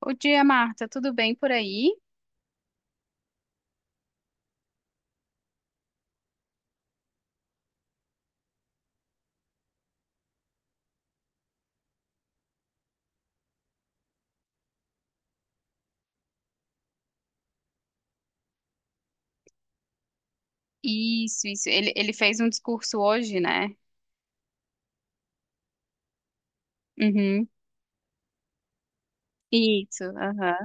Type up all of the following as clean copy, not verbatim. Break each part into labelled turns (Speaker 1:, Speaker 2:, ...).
Speaker 1: O dia, Marta, tudo bem por aí? Isso. Ele fez um discurso hoje, né? Uhum. Isso, aham.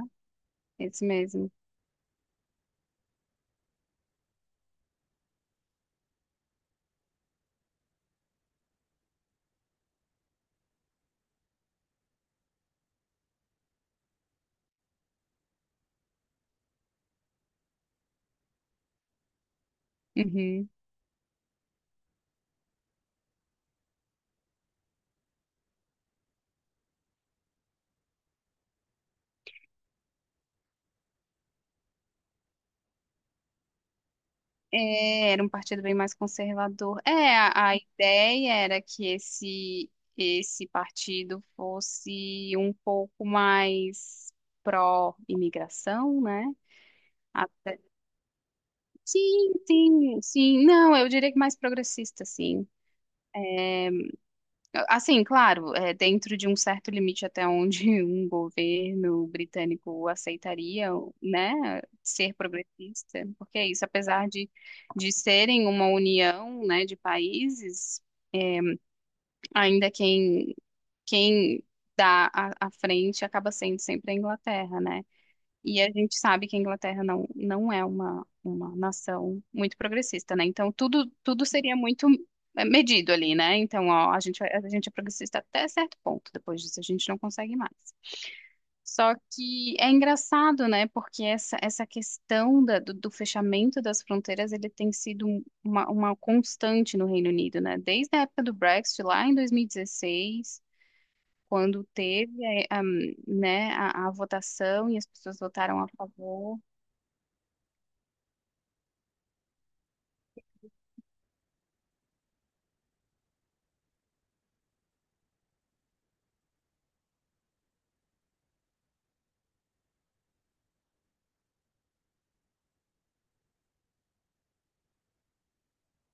Speaker 1: Isso mesmo. Uhum. É, era um partido bem mais conservador. É, a ideia era que esse partido fosse um pouco mais pró-imigração, né? Até- Sim, sim, sim. Não, eu diria que mais progressista, sim. Assim, claro, é, dentro de um certo limite até onde um governo britânico aceitaria, né, ser progressista, porque é isso, apesar de serem uma união, né, de países, ainda quem dá a frente acaba sendo sempre a Inglaterra, né? E a gente sabe que a Inglaterra não é uma nação muito progressista, né? Então, tudo seria muito medido ali, né? Então, ó, a gente é progressista até certo ponto, depois disso a gente não consegue mais. Só que é engraçado, né? Porque essa questão do fechamento das fronteiras, ele tem sido uma constante no Reino Unido, né? Desde a época do Brexit, lá em 2016, quando teve, a, né, a votação e as pessoas votaram a favor.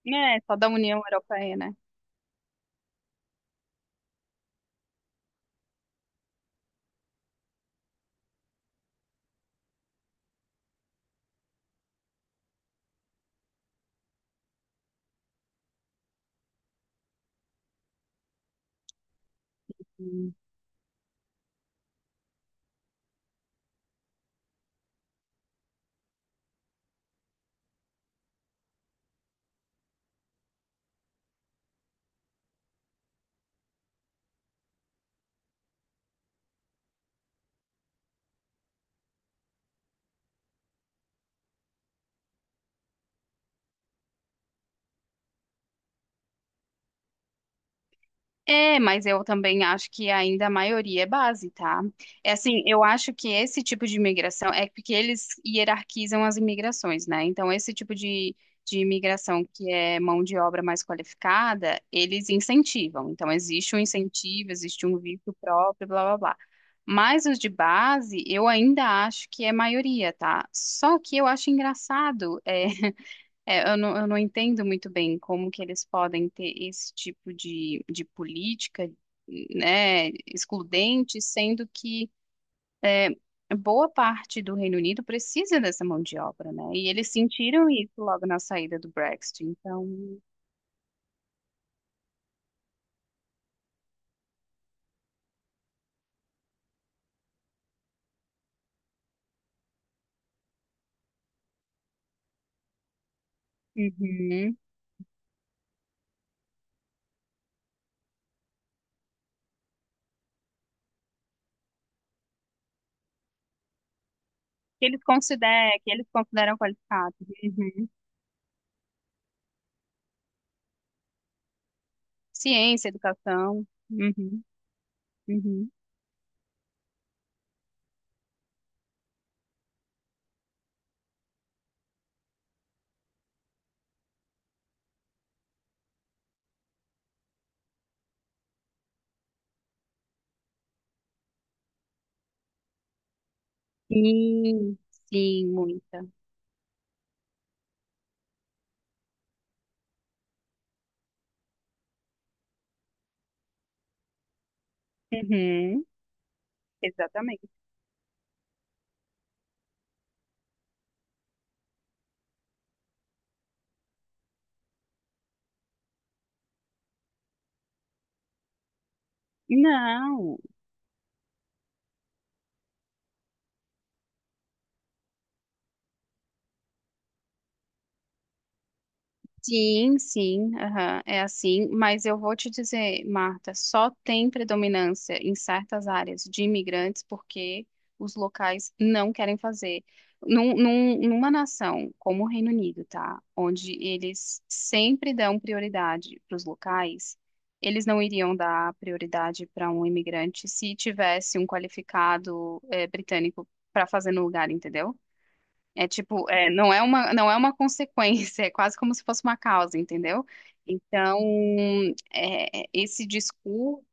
Speaker 1: É, só da União Europeia, né? Hum. É, mas eu também acho que ainda a maioria é base, tá? É assim, eu acho que esse tipo de imigração é porque eles hierarquizam as imigrações, né? Então, esse tipo de imigração que é mão de obra mais qualificada, eles incentivam. Então, existe um incentivo, existe um visto próprio, blá blá blá. Mas os de base, eu ainda acho que é maioria, tá? Só que eu acho engraçado. É É, eu não entendo muito bem como que eles podem ter esse tipo de política, né, excludente, sendo que é, boa parte do Reino Unido precisa dessa mão de obra, né? E eles sentiram isso logo na saída do Brexit. Então, uhum, que eles consideram qualificado. Uhum. Ciência, educação. Uhum, uhum. Sim, sim, muita. Uhum, exatamente. Não. Sim, sim, aham, é assim, mas eu vou te dizer, Marta, só tem predominância em certas áreas de imigrantes porque os locais não querem fazer. Numa nação como o Reino Unido, tá? Onde eles sempre dão prioridade para os locais, eles não iriam dar prioridade para um imigrante se tivesse um qualificado, britânico para fazer no lugar, entendeu? É tipo, é, não é uma consequência, é quase como se fosse uma causa, entendeu? Então, é, esse discurso.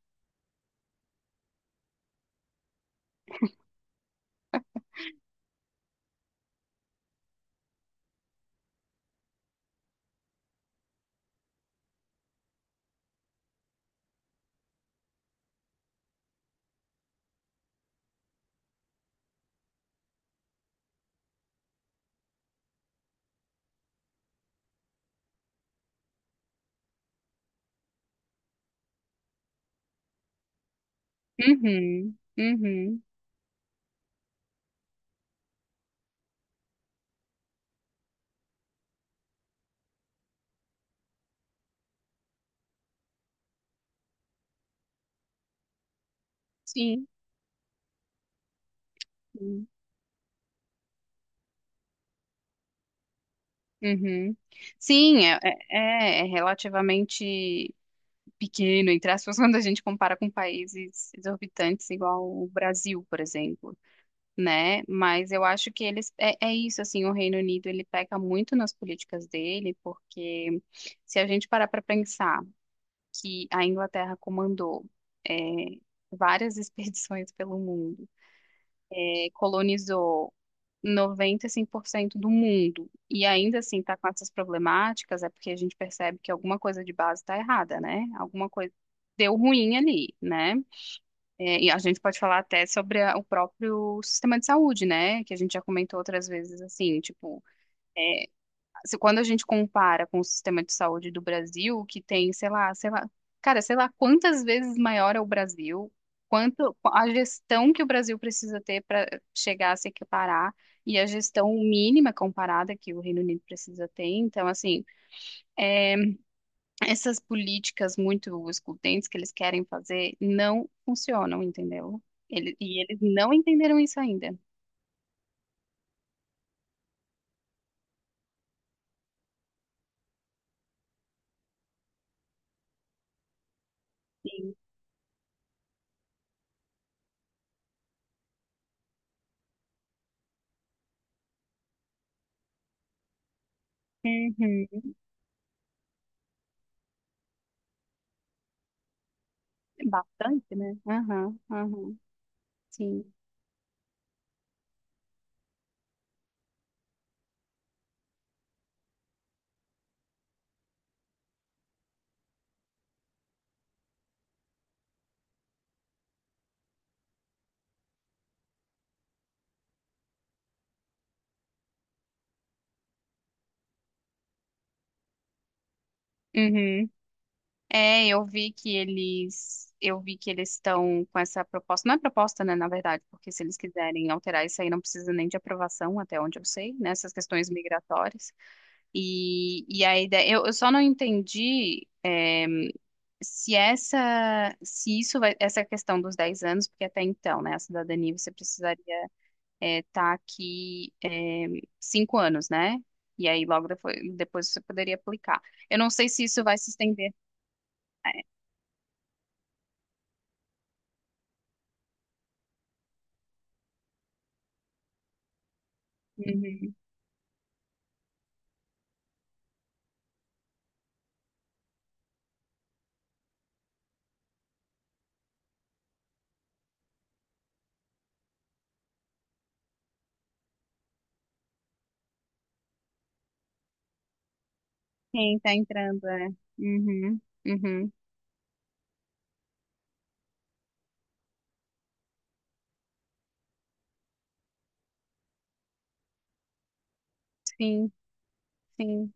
Speaker 1: Uhum, uhum, sim. Sim. Uhum. Sim, é, é relativamente pequeno, entre aspas, quando a gente compara com países exorbitantes, igual o Brasil, por exemplo, né? Mas eu acho que eles, é, é isso, assim, o Reino Unido, ele peca muito nas políticas dele, porque se a gente parar para pensar, que a Inglaterra comandou é, várias expedições pelo mundo, é, colonizou 95% do mundo e ainda assim está com essas problemáticas, é porque a gente percebe que alguma coisa de base está errada, né? Alguma coisa deu ruim ali, né? É, e a gente pode falar até sobre o próprio sistema de saúde, né? Que a gente já comentou outras vezes, assim, tipo, se quando a gente compara com o sistema de saúde do Brasil, que tem, sei lá, cara, sei lá quantas vezes maior é o Brasil, quanto a gestão que o Brasil precisa ter para chegar a se equiparar e a gestão mínima comparada que o Reino Unido precisa ter. Então, assim, essas políticas muito excludentes que eles querem fazer não funcionam, entendeu? E eles não entenderam isso ainda. Uhum. Bastante, né? Aham, aham, sim. Uhum. É, eu vi que eles estão com essa proposta, não é proposta, né, na verdade, porque se eles quiserem alterar isso aí não precisa nem de aprovação, até onde eu sei, nessas questões migratórias. E a ideia, eu só não entendi se essa, se isso vai, essa questão dos 10 anos, porque até então, né, a cidadania você precisaria estar aqui é, 5 anos, né? E aí depois você poderia aplicar. Eu não sei se isso vai se estender. Quem tá entrando, é. Uhum, uhum. Sim, sim.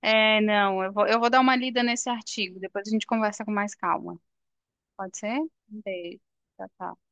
Speaker 1: É, não, eu vou dar uma lida nesse artigo, depois a gente conversa com mais calma. Pode ser? Um beijo. Tchau, tchau.